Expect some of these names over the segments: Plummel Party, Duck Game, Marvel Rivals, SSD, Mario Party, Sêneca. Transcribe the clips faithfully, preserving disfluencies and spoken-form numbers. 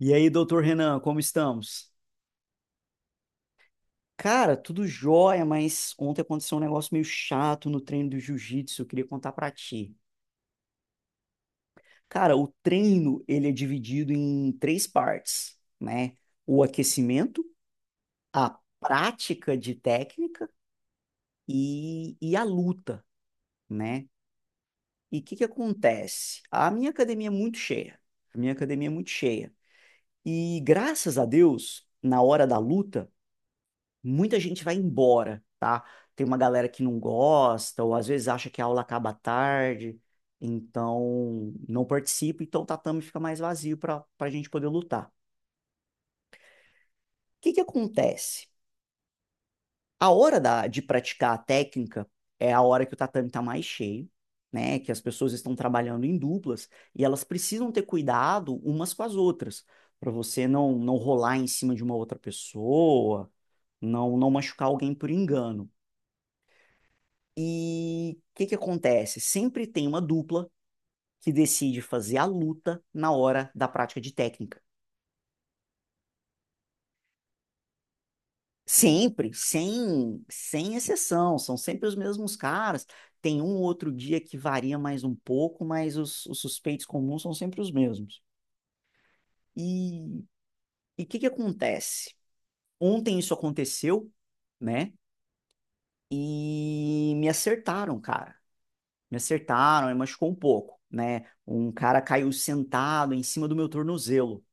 E aí, doutor Renan, como estamos? Cara, tudo jóia, mas ontem aconteceu um negócio meio chato no treino do jiu-jitsu, eu queria contar pra ti. Cara, o treino, ele é dividido em três partes, né? O aquecimento, a prática de técnica e, e a luta, né? E o que que acontece? A minha academia é muito cheia. A minha academia é muito cheia. E graças a Deus, na hora da luta, muita gente vai embora, tá? Tem uma galera que não gosta, ou às vezes acha que a aula acaba tarde, então não participa, então o tatame fica mais vazio para para a gente poder lutar. O que que acontece? A hora da, de praticar a técnica é a hora que o tatame está mais cheio, né? Que as pessoas estão trabalhando em duplas e elas precisam ter cuidado umas com as outras, para você não, não rolar em cima de uma outra pessoa, não, não machucar alguém por engano. E o que que acontece? Sempre tem uma dupla que decide fazer a luta na hora da prática de técnica. Sempre, sem, sem exceção, são sempre os mesmos caras. Tem um outro dia que varia mais um pouco, mas os, os suspeitos comuns são sempre os mesmos. E o que que acontece? Ontem isso aconteceu, né? E me acertaram, cara. Me acertaram, me machucou um pouco, né? Um cara caiu sentado em cima do meu tornozelo.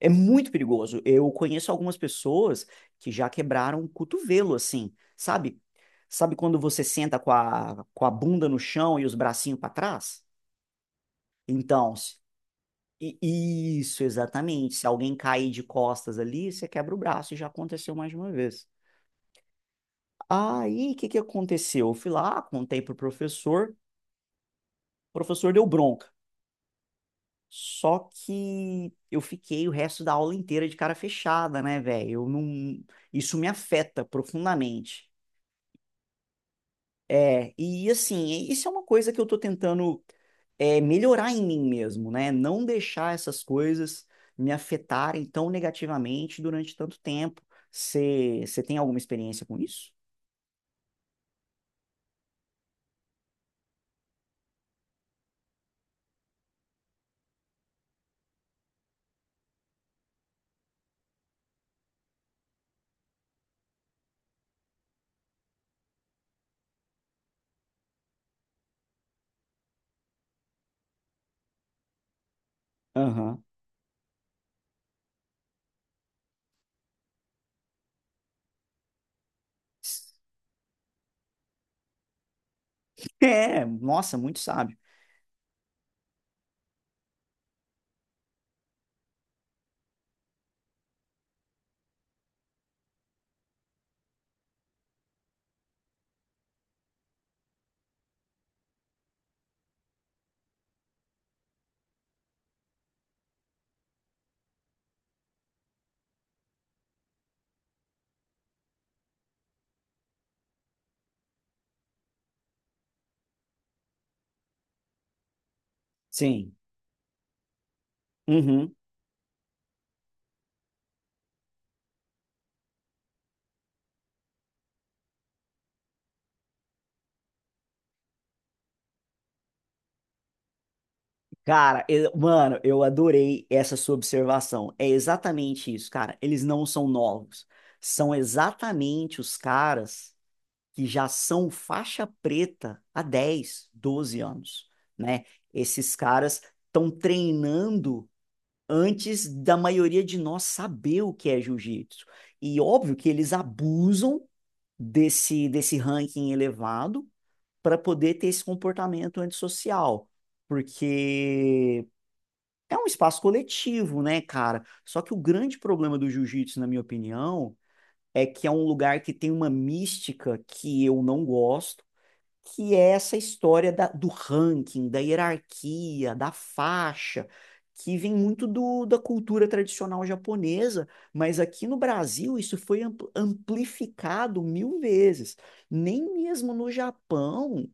É muito perigoso. Eu conheço algumas pessoas que já quebraram o cotovelo, assim, sabe? Sabe quando você senta com a, com a bunda no chão e os bracinhos para trás? Então, se- i- isso, exatamente. Se alguém cair de costas ali, você quebra o braço, e já aconteceu mais de uma vez. Aí, o que que aconteceu? Eu fui lá, contei pro professor, o professor deu bronca. Só que eu fiquei o resto da aula inteira de cara fechada, né, velho? Eu não, isso me afeta profundamente. É, e assim, isso é uma coisa que eu tô tentando é, melhorar em mim mesmo, né? Não deixar essas coisas me afetarem tão negativamente durante tanto tempo. Você tem alguma experiência com isso? Aham. É, nossa, muito sábio. Sim. Uhum. Cara, eu- mano, eu adorei essa sua observação. É exatamente isso, cara. Eles não são novos. São exatamente os caras que já são faixa preta há dez, doze anos, né? Esses caras estão treinando antes da maioria de nós saber o que é jiu-jitsu. E óbvio que eles abusam desse, desse ranking elevado para poder ter esse comportamento antissocial, porque é um espaço coletivo, né, cara? Só que o grande problema do jiu-jitsu, na minha opinião, é que é um lugar que tem uma mística que eu não gosto que é essa história da- do ranking, da hierarquia, da faixa, que vem muito do- da cultura tradicional japonesa, mas aqui no Brasil isso foi amplificado mil vezes. Nem mesmo no Japão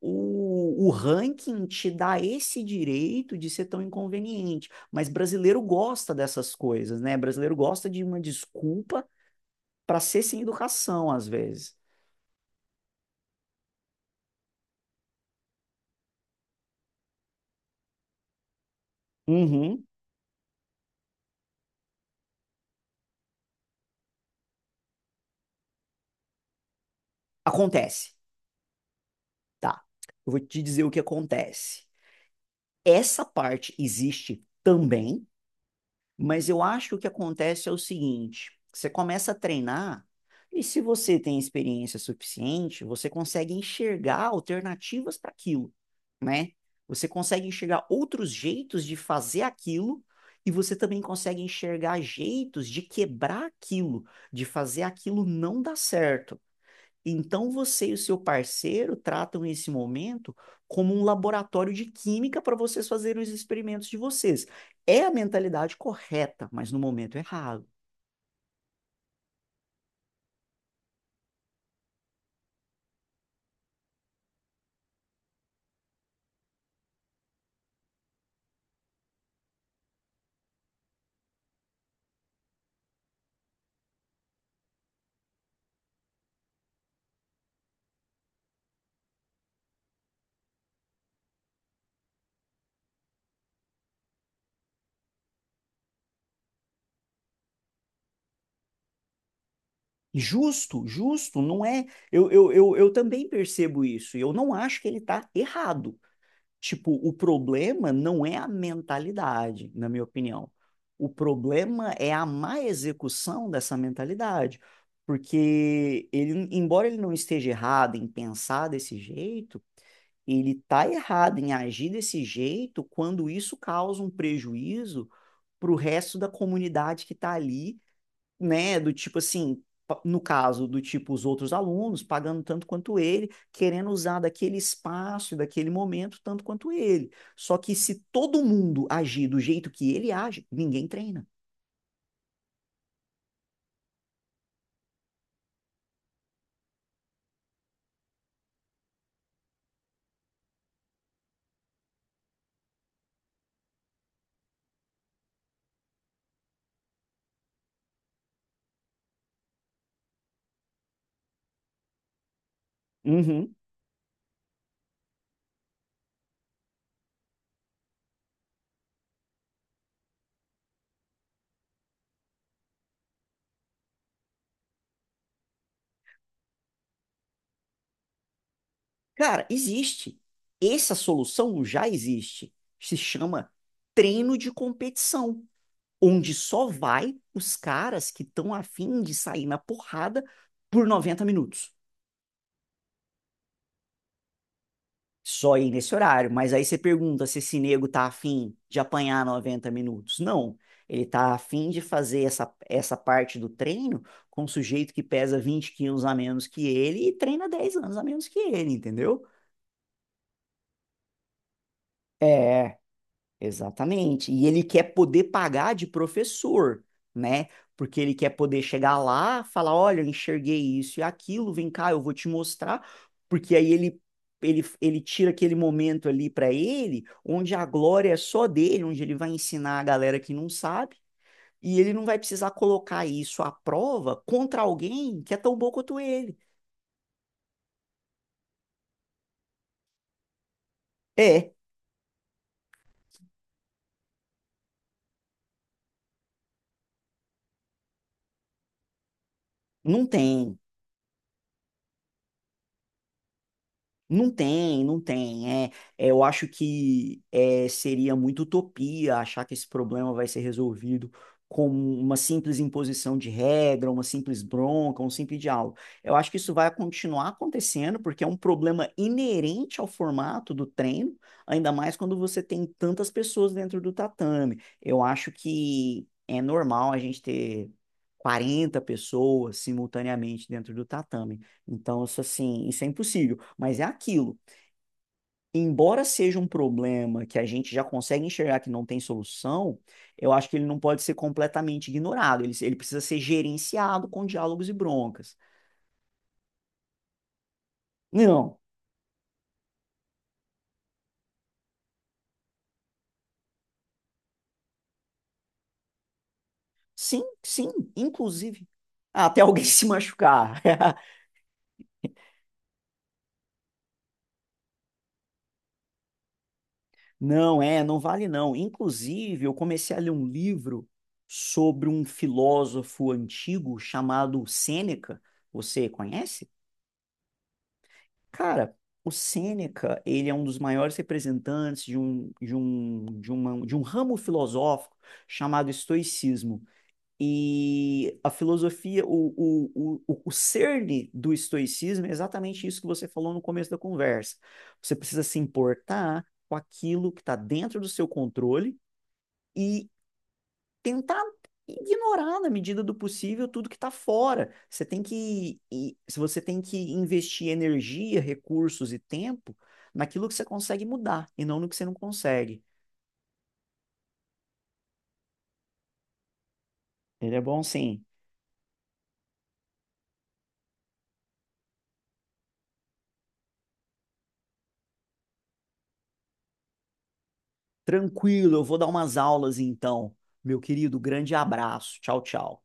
o, o ranking te dá esse direito de ser tão inconveniente, mas brasileiro gosta dessas coisas, né? Brasileiro gosta de uma desculpa para ser sem educação às vezes. Uhum. Acontece. Tá, eu vou te dizer o que acontece. Essa parte existe também, mas eu acho que o que acontece é o seguinte: você começa a treinar, e se você tem experiência suficiente, você consegue enxergar alternativas para aquilo, né? Você consegue enxergar outros jeitos de fazer aquilo, e você também consegue enxergar jeitos de quebrar aquilo, de fazer aquilo não dar certo. Então você e o seu parceiro tratam esse momento como um laboratório de química para vocês fazerem os experimentos de vocês. É a mentalidade correta, mas no momento errado. Justo, justo, não é. Eu, eu, eu, eu também percebo isso, e eu não acho que ele está errado. Tipo, o problema não é a mentalidade, na minha opinião. O problema é a má execução dessa mentalidade. Porque ele, embora ele não esteja errado em pensar desse jeito, ele está errado em agir desse jeito quando isso causa um prejuízo para o resto da comunidade que está ali né, do tipo assim, no caso do tipo os outros alunos, pagando tanto quanto ele, querendo usar daquele espaço, daquele momento, tanto quanto ele. Só que se todo mundo agir do jeito que ele age, ninguém treina. Uhum. Cara, existe. Essa solução já existe. Se chama treino de competição, onde só vai os caras que estão afim de sair na porrada por noventa minutos. Só ir nesse horário. Mas aí você pergunta se esse nego tá afim de apanhar noventa minutos. Não. Ele tá afim de fazer essa, essa parte do treino com um sujeito que pesa vinte quilos a menos que ele e treina dez anos a menos que ele, entendeu? É, exatamente. E ele quer poder pagar de professor, né? Porque ele quer poder chegar lá, falar, olha, eu enxerguei isso e aquilo, vem cá, eu vou te mostrar, porque aí ele ele, ele tira aquele momento ali para ele, onde a glória é só dele, onde ele vai ensinar a galera que não sabe, e ele não vai precisar colocar isso à prova contra alguém que é tão bom quanto ele. É, não tem. Não tem, não tem. É, é, eu acho que é, seria muito utopia achar que esse problema vai ser resolvido com uma simples imposição de regra, uma simples bronca, um simples diálogo. Eu acho que isso vai continuar acontecendo, porque é um problema inerente ao formato do treino, ainda mais quando você tem tantas pessoas dentro do tatame. Eu acho que é normal a gente ter quarenta pessoas simultaneamente dentro do tatame. Então, isso assim, isso é impossível. Mas é aquilo. Embora seja um problema que a gente já consegue enxergar que não tem solução, eu acho que ele não pode ser completamente ignorado. Ele, ele precisa ser gerenciado com diálogos e broncas. Não. Sim, sim, inclusive. Até alguém se machucar. Não, é, não vale não. Inclusive, eu comecei a ler um livro sobre um filósofo antigo chamado Sêneca. Você conhece? Cara, o Sêneca, ele é um dos maiores representantes de um, de um, de uma, de um ramo filosófico chamado estoicismo. E a filosofia, o, o, o, o cerne do estoicismo é exatamente isso que você falou no começo da conversa. Você precisa se importar com aquilo que está dentro do seu controle e tentar ignorar na medida do possível tudo que está fora. Você tem que, se você tem que investir energia, recursos e tempo naquilo que você consegue mudar e não no que você não consegue. Ele é bom sim. Tranquilo, eu vou dar umas aulas então. Meu querido, grande abraço. Tchau, tchau.